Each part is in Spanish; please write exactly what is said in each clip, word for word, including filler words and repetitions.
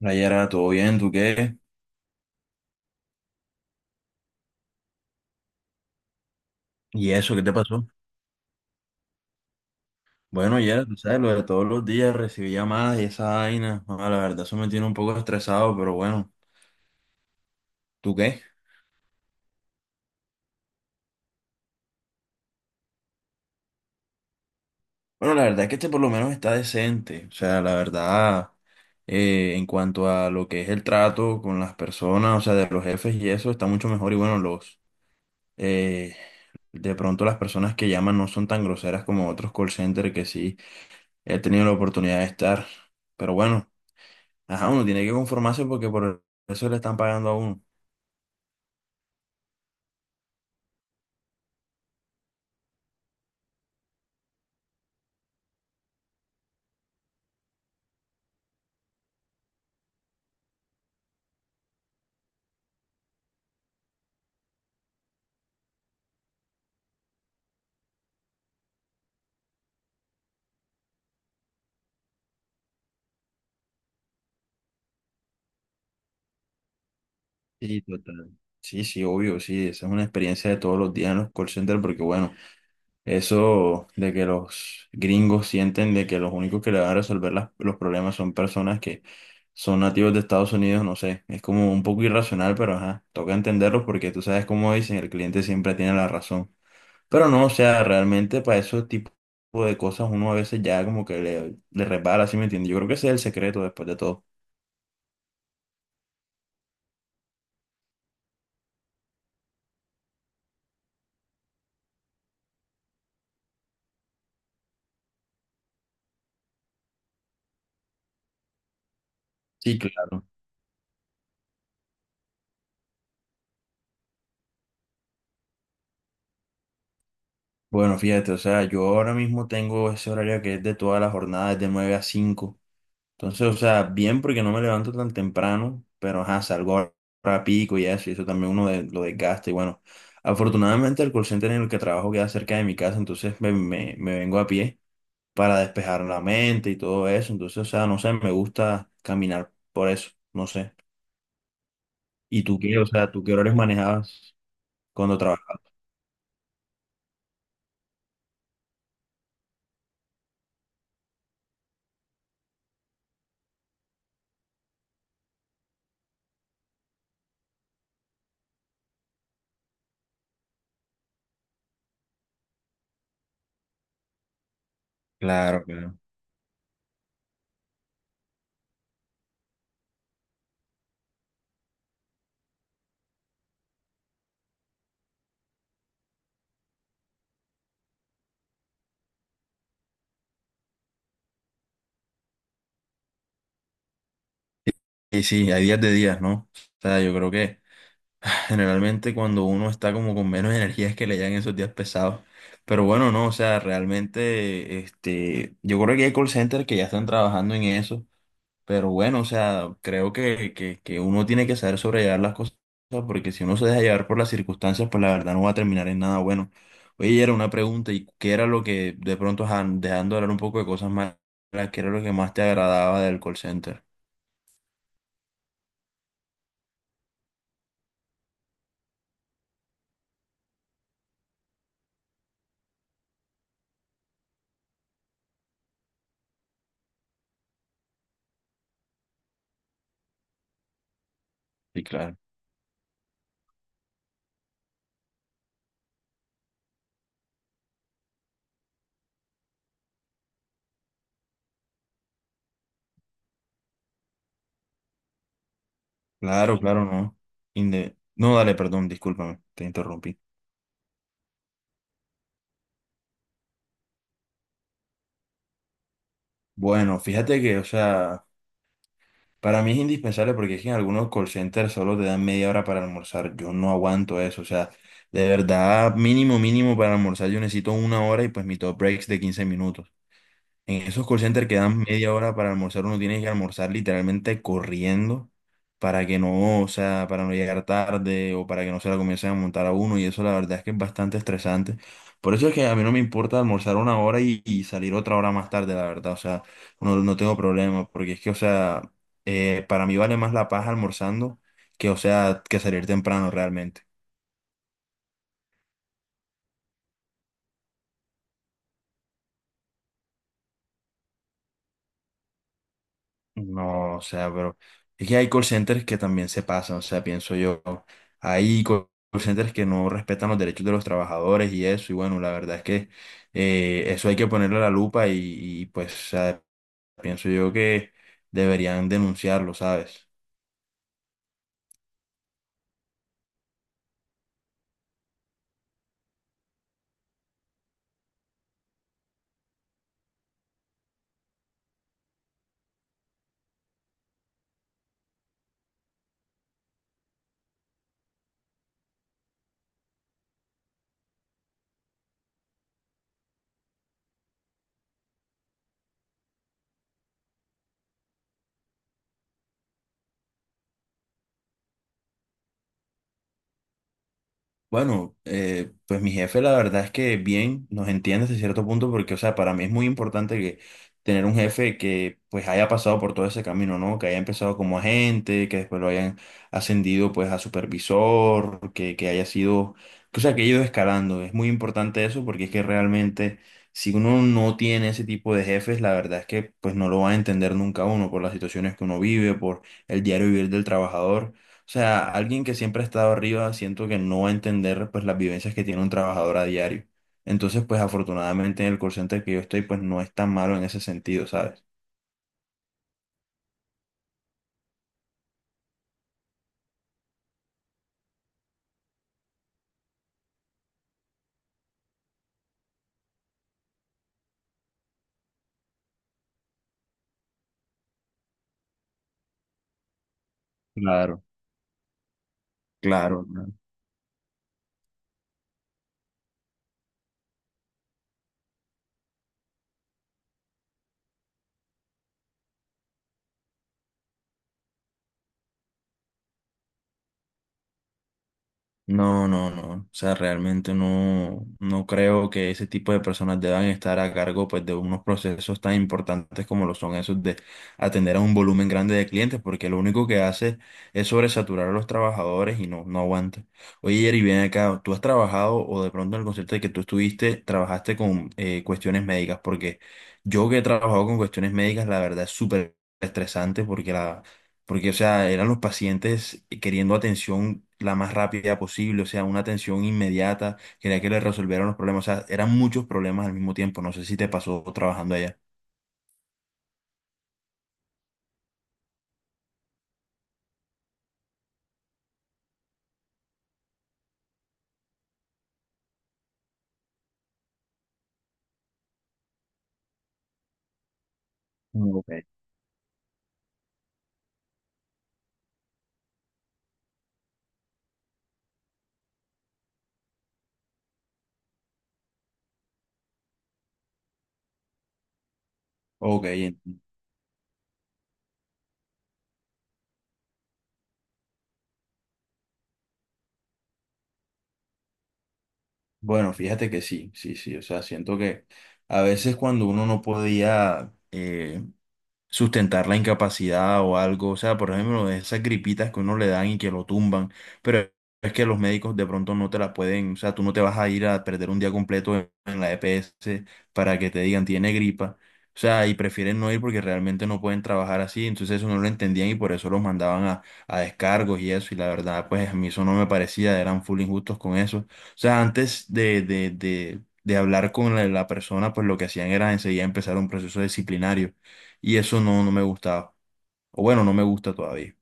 Hola, Yera, ¿todo bien? ¿Tú qué? ¿Y eso qué te pasó? Bueno, Yera, tú sabes, lo de todos los días recibí llamadas y esa vaina. Ah, la verdad, eso me tiene un poco estresado, pero bueno, ¿tú qué? Bueno, la verdad es que este por lo menos está decente. O sea, la verdad, eh, en cuanto a lo que es el trato con las personas, o sea, de los jefes y eso, está mucho mejor. Y bueno, los, eh, de pronto las personas que llaman no son tan groseras como otros call centers que sí he tenido la oportunidad de estar. Pero bueno. Ajá, uno tiene que conformarse porque por eso le están pagando a uno. Sí, total. Sí, sí, obvio, sí, esa es una experiencia de todos los días en los call centers porque bueno, eso de que los gringos sienten de que los únicos que le van a resolver las- los problemas son personas que son nativos de Estados Unidos, no sé, es como un poco irracional, pero ajá, toca entenderlos porque tú sabes cómo dicen, el cliente siempre tiene la razón. Pero no, o sea, realmente para esos tipos de cosas uno a veces ya como que le, le resbala, ¿sí me entiendes? Yo creo que ese es el secreto después de todo. Sí, claro. Bueno, fíjate, o sea, yo ahora mismo tengo ese horario que es de toda la jornada, es de nueve a cinco. Entonces, o sea, bien porque no me levanto tan temprano, pero ajá, salgo rápido y eso, y eso también uno de- lo desgasta. Y bueno, afortunadamente el call center en el que trabajo queda cerca de mi casa, entonces me, me, me vengo a pie para despejar la mente y todo eso. Entonces, o sea, no sé, me gusta caminar por eso, no sé. ¿Y tú qué? O sea, ¿tú qué horarios manejabas cuando trabajabas? Claro, claro. Y sí, hay días de días, ¿no? O sea, yo creo que generalmente cuando uno está como con menos energía es que le llegan esos días pesados. Pero bueno, no, o sea, realmente, este, yo creo que hay call centers que ya están trabajando en eso. Pero bueno, o sea, creo que, que, que uno tiene que saber sobrellevar las cosas porque si uno se deja llevar por las circunstancias, pues la verdad no va a terminar en nada bueno. Oye, era una pregunta, ¿y qué era lo que de pronto, ajá, dejando de hablar un poco de cosas malas, qué era lo que más te agradaba del call center? Sí, claro. Claro, claro, no. Inde- No, dale, perdón, discúlpame, te interrumpí. Bueno, fíjate que, o sea, para mí es indispensable porque es que en algunos call centers solo te dan media hora para almorzar. Yo no aguanto eso, o sea, de verdad, mínimo, mínimo para almorzar yo necesito una hora y pues mi top breaks de quince minutos. En esos call centers que dan media hora para almorzar, uno tiene que almorzar literalmente corriendo para que no, o sea, para no llegar tarde o para que no se la comiencen a montar a uno y eso la verdad es que es bastante estresante. Por eso es que a mí no me importa almorzar una hora y, y salir otra hora más tarde, la verdad, o sea, no, no tengo problema porque es que, o sea, eh, para mí vale más la paz almorzando que, o sea, que salir temprano realmente. No, o sea, pero es que hay call centers que también se pasan, o sea, pienso yo. Hay call centers que no respetan los derechos de los trabajadores y eso, y bueno, la verdad es que eh, eso hay que ponerle la lupa y, y, pues, o sea, pienso yo que deberían denunciarlo, ¿sabes? Bueno, eh, pues mi jefe la verdad es que bien nos entiende hasta cierto punto porque, o sea, para mí es muy importante que tener un jefe que pues haya pasado por todo ese camino, ¿no? Que haya empezado como agente, que después lo hayan ascendido pues a supervisor, que, que haya sido, que, o sea, que haya ido escalando. Es muy importante eso porque es que realmente si uno no tiene ese tipo de jefes, la verdad es que pues no lo va a entender nunca uno por las situaciones que uno vive, por el diario vivir del trabajador. O sea, alguien que siempre ha estado arriba, siento que no va a entender pues las vivencias que tiene un trabajador a diario. Entonces, pues afortunadamente en el call center que yo estoy, pues no es tan malo en ese sentido, ¿sabes? Claro, claro. No, no, no. O sea, realmente no, no creo que ese tipo de personas deban estar a cargo pues, de unos procesos tan importantes como lo son esos de atender a un volumen grande de clientes, porque lo único que hace es sobresaturar a los trabajadores y no, no aguanta. Oye, Jerry, ven acá, ¿tú has trabajado o de pronto en el concepto de que tú estuviste, trabajaste con eh, cuestiones médicas? Porque yo que he trabajado con cuestiones médicas, la verdad es súper estresante porque la porque, o sea, eran los pacientes queriendo atención la más rápida posible, o sea, una atención inmediata, quería que les resolvieran los problemas, o sea, eran muchos problemas al mismo tiempo, no sé si te pasó trabajando allá. Mm, ok. Ok, en- bueno, fíjate que sí, sí, sí, o sea, siento que a veces cuando uno no podía sustentar la incapacidad o algo. O sea, por ejemplo, esas gripitas que uno le dan y que lo tumban, pero es que los médicos de pronto no te la pueden, o sea, tú no te vas a ir a perder un día completo en, en la E P S para que te digan tiene gripa. O sea, y prefieren no ir porque realmente no pueden trabajar así, entonces eso no lo entendían y por eso los mandaban a, a descargos y eso, y la verdad, pues a mí eso no me parecía, eran full injustos con eso. O sea, antes de, de, de, de hablar con la, la persona, pues lo que hacían era enseguida empezar un proceso disciplinario. Y eso no, no me gustaba. O bueno, no me gusta todavía.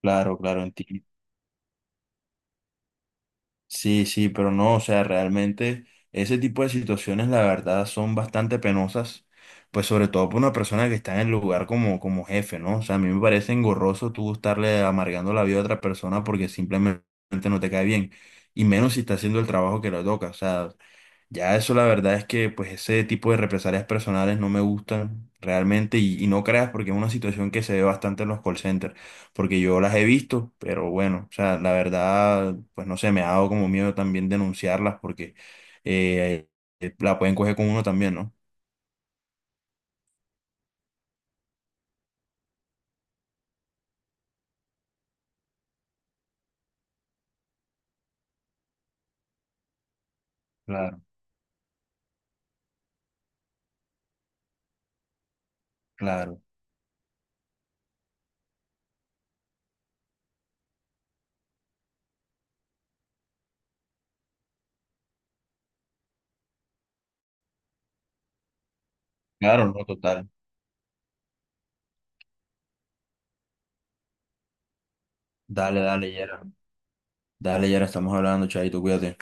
Claro, claro, entiendo. Sí, sí, pero no, o sea, realmente ese tipo de situaciones, la verdad, son bastante penosas, pues sobre todo para una persona que está en el lugar como, como jefe, ¿no? O sea, a mí me parece engorroso tú estarle amargando la vida a otra persona porque simplemente no te cae bien, y menos si está haciendo el trabajo que le toca, o sea, ya eso la verdad es que pues ese tipo de represalias personales no me gustan realmente y, y no creas porque es una situación que se ve bastante en los call centers, porque yo las he visto, pero bueno, o sea, la verdad pues no sé, me ha dado como miedo también denunciarlas porque eh, eh, la pueden coger con uno también, ¿no? Claro, claro, claro, no, total. Dale, dale, Yera. Dale, Yera, estamos hablando, Chaito, cuídate.